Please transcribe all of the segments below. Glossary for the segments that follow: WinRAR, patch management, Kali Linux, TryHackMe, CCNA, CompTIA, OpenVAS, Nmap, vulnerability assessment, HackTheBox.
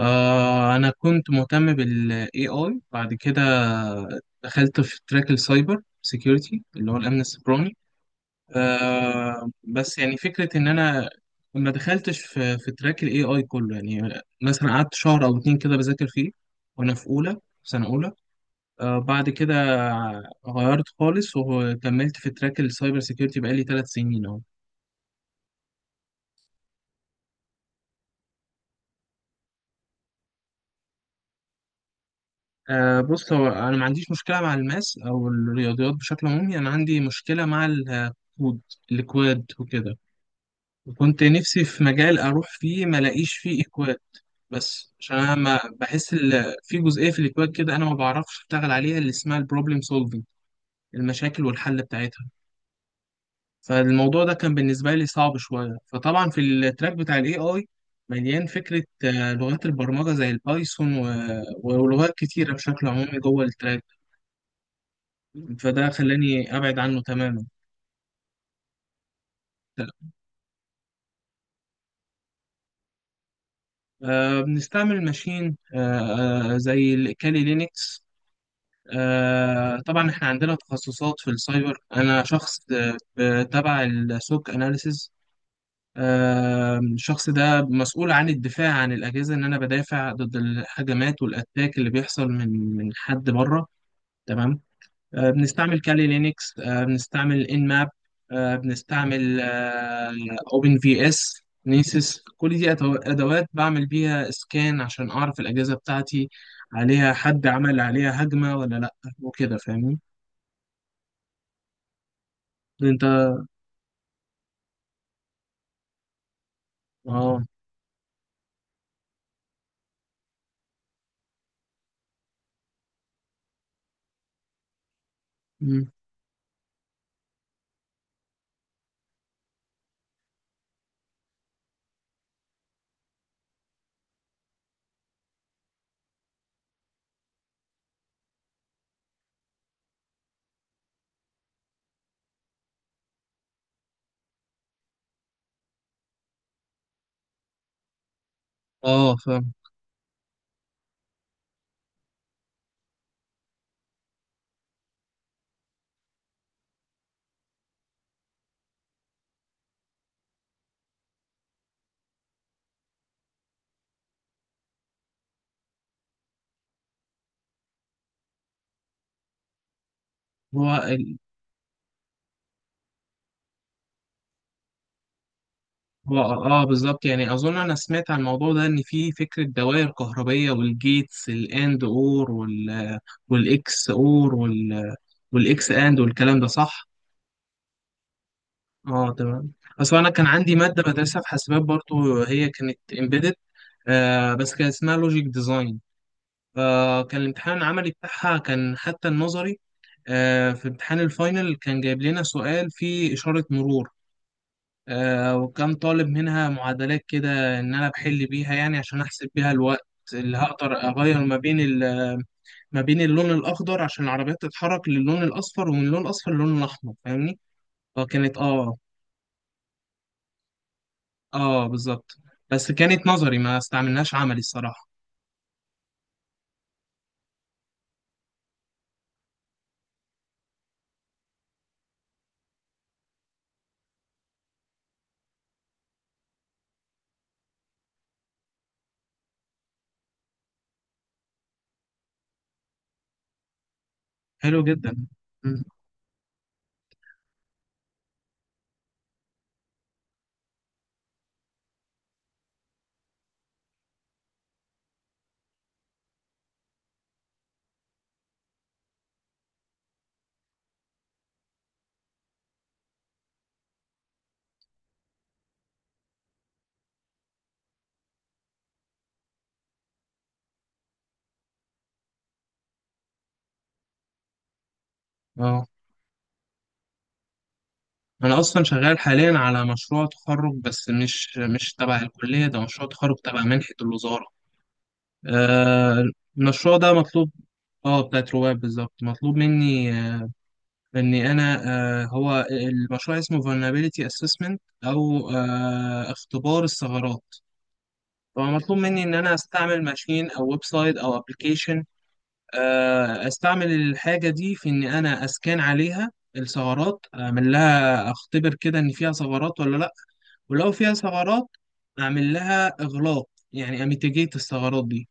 أنا كنت مهتم بال AI بعد كده. دخلت في تراك السايبر سيكيورتي اللي هو الأمن السيبراني. بس يعني فكرة إن أنا ما دخلتش في تراك ال AI كله، يعني مثلا قعدت شهر أو اتنين كده بذاكر فيه وأنا في سنة أولى. بعد كده غيرت خالص وكملت في تراك السايبر سيكيورتي بقالي 3 سنين أهو. بص، هو انا ما عنديش مشكله مع الماس او الرياضيات بشكل عمومي، انا عندي مشكله مع الاكواد وكده. وكنت نفسي في مجال اروح فيه ما الاقيش فيه اكواد، بس عشان انا ما بحس في جزئيه في الاكواد كده انا ما بعرفش اشتغل عليها، اللي اسمها البروبلم سولفنج، المشاكل والحل بتاعتها. فالموضوع ده كان بالنسبه لي صعب شويه. فطبعا في التراك بتاع الاي اي مليان فكره، لغات البرمجه زي البايثون ولغات كتيره بشكل عمومي جوه التراك، فده خلاني أبعد عنه تماما. بنستعمل ماشين، زي الكالي لينكس. طبعا احنا عندنا تخصصات في السايبر، انا شخص، تبع السوك اناليسز. الشخص ده مسؤول عن الدفاع عن الاجهزه، ان انا بدافع ضد الهجمات والاتاك اللي بيحصل من حد بره. تمام. بنستعمل كالي لينكس، بنستعمل ان ماب، بنستعمل اوبن في اس نيسيس. كل دي ادوات بعمل بيها سكان عشان اعرف الاجهزه بتاعتي عليها حد عمل عليها هجمه ولا لا، وكده فاهمني. انت. اه. مم. اه، فاهم. هو ال... هو اه آه، بالظبط، يعني اظن انا سمعت عن الموضوع ده ان في فكره دوائر كهربيه والجيتس الاند اور والاكس اور والاكس اند والكلام ده صح. اه تمام. اصل انا كان عندي ماده بدرسها في حاسبات برضو، هي كانت امبيدد، بس كان اسمها لوجيك ديزاين. فكان الامتحان العملي بتاعها كان، حتى النظري، في امتحان الفاينل كان جايب لنا سؤال فيه اشاره مرور. وكان طالب منها معادلات كده ان انا بحل بيها، يعني عشان احسب بيها الوقت اللي هقدر اغير ما بين اللون الاخضر عشان العربيات تتحرك للون الاصفر، ومن اللون الاصفر للون الاحمر فاهمني. فكانت اه اه بالظبط. بس كانت نظري ما استعملناش عملي الصراحة. حلو جدا. مم. اه، انا اصلا شغال حاليا على مشروع تخرج بس مش تبع الكلية، ده مشروع تخرج تبع منحة الوزارة. آه المشروع ده مطلوب. اه، بتاعت رواد بالظبط. مطلوب مني، اني انا، هو المشروع اسمه vulnerability assessment او اختبار الثغرات. فمطلوب مني ان انا استعمل ماشين او ويب سايت او ابلكيشن، استعمل الحاجه دي في ان انا اسكان عليها الثغرات، اعمل لها اختبر كده ان فيها ثغرات ولا لا. ولو فيها ثغرات اعمل لها اغلاق، يعني اميتيجيت الثغرات دي.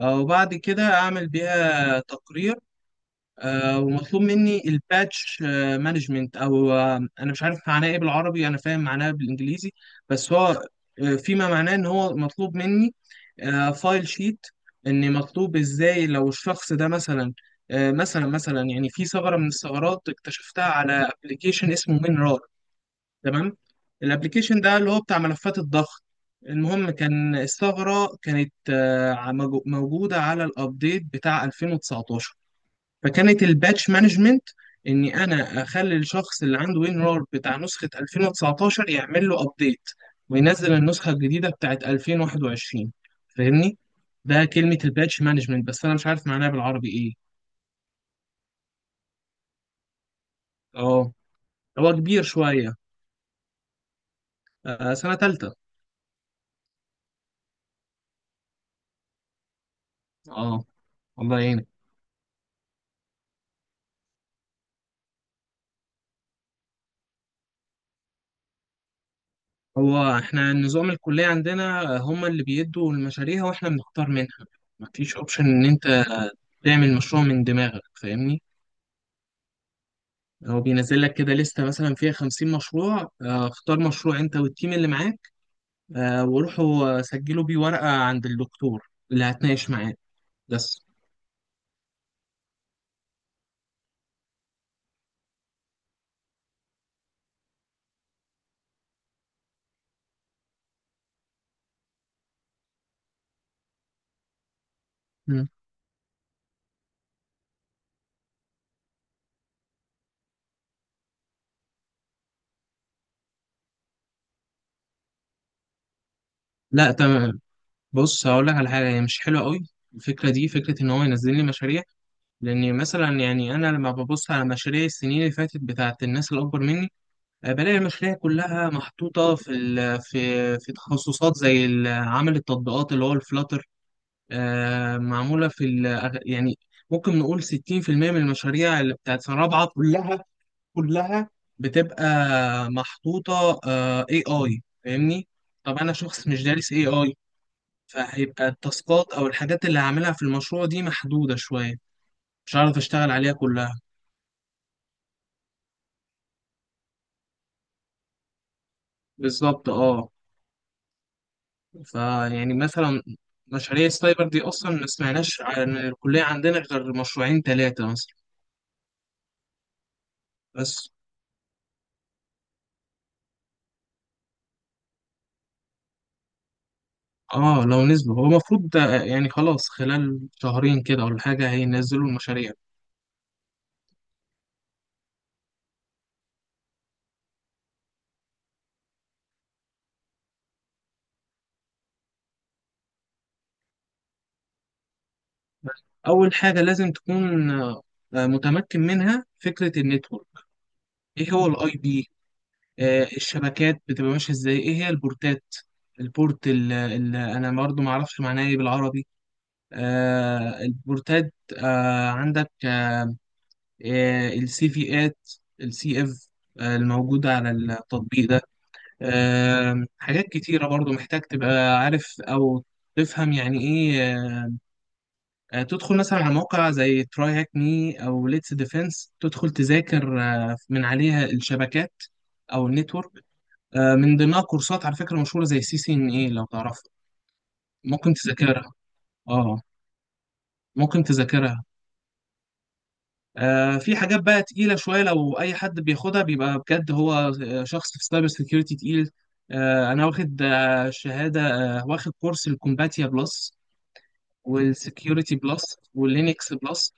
وبعد كده اعمل بيها تقرير. ومطلوب مني الباتش مانجمنت، او انا مش عارف معناه ايه بالعربي، انا فاهم معناه بالانجليزي. بس هو فيما معناه ان هو مطلوب مني فايل شيت، ان مطلوب ازاي لو الشخص ده مثلا، يعني في ثغره من الثغرات اكتشفتها على ابلكيشن اسمه مينرار. تمام. الابلكيشن ده اللي هو بتاع ملفات الضغط. المهم كان الثغره كانت، موجوده على الابديت بتاع 2019. فكانت الباتش مانجمنت اني انا اخلي الشخص اللي عنده وينرار بتاع نسخة 2019 يعمل له ابديت، وينزل النسخة الجديدة بتاعت 2021 فاهمني. ده كلمة الباتش مانجمنت بس انا مش عارف معناها بالعربي ايه. اه، هو كبير شوية. سنة تالتة. اه، الله يعينك. هو احنا نظام الكلية عندنا هما اللي بيدوا المشاريع واحنا بنختار منها، مفيش اوبشن ان انت تعمل مشروع من دماغك فاهمني. هو بينزل لك كده لستة مثلا فيها 50 مشروع، اختار مشروع انت والتيم اللي معاك، وروحوا سجلوا بيه ورقة عند الدكتور اللي هتناقش معاه بس. مم. لا تمام. بص هقول لك على حاجة هي مش حلوة قوي. الفكرة دي فكرة إن هو ينزل لي مشاريع، لأن مثلا يعني أنا لما ببص على مشاريع السنين اللي فاتت بتاعة الناس الأكبر مني، بلاقي المشاريع كلها محطوطة في تخصصات زي عمل التطبيقات اللي هو الفلاتر، معمولة يعني ممكن نقول 60% من المشاريع اللي بتاعت سنة رابعة كلها، كلها بتبقى محطوطة، AI فاهمني؟ طب أنا شخص مش دارس AI، فهيبقى التاسكات أو الحاجات اللي هعملها في المشروع دي محدودة شوية، مش هعرف أشتغل عليها كلها. بالظبط أه. فيعني مثلا مشاريع السايبر دي أصلا ما سمعناش عن الكلية عندنا غير مشروعين تلاتة مثلا. بس اه، لو نزلوا هو المفروض، يعني خلاص خلال شهرين كده ولا حاجة هينزلوا المشاريع. أول حاجة لازم تكون، متمكن منها فكرة النتورك. إيه هو الأي بي، الشبكات بتبقى ماشية إزاي، إيه هي البورتات، البورت اللي أنا برضه معرفش معناه إيه بالعربي. البورتات، عندك السي فيات، السي اف الموجودة على التطبيق ده. حاجات كتيرة برضو محتاج تبقى عارف أو تفهم يعني إيه. تدخل مثلا على موقع زي تراي هاك مي أو ليتس ديفense، تدخل تذاكر من عليها الشبكات أو النتورك. من ضمنها كورسات على فكرة مشهورة زي سي سي إن إيه لو تعرفها ممكن تذاكرها. أه، ممكن تذاكرها. في حاجات بقى تقيلة شوية لو أي حد بياخدها بيبقى بجد هو، شخص في السايبر سيكيورتي تقيل. أنا واخد شهادة، واخد كورس الكومباتيا بلس والسكيورتي بلس واللينكس بلس.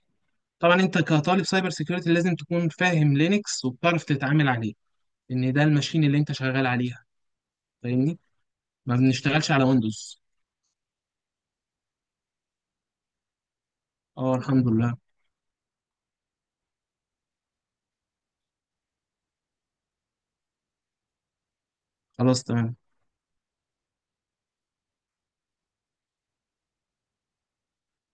طبعا انت كطالب سايبر سكيورتي لازم تكون فاهم لينكس وبتعرف تتعامل عليه، ان ده الماشين اللي انت شغال عليها فاهمني، ما بنشتغلش على ويندوز. اه الحمد لله. خلاص تمام.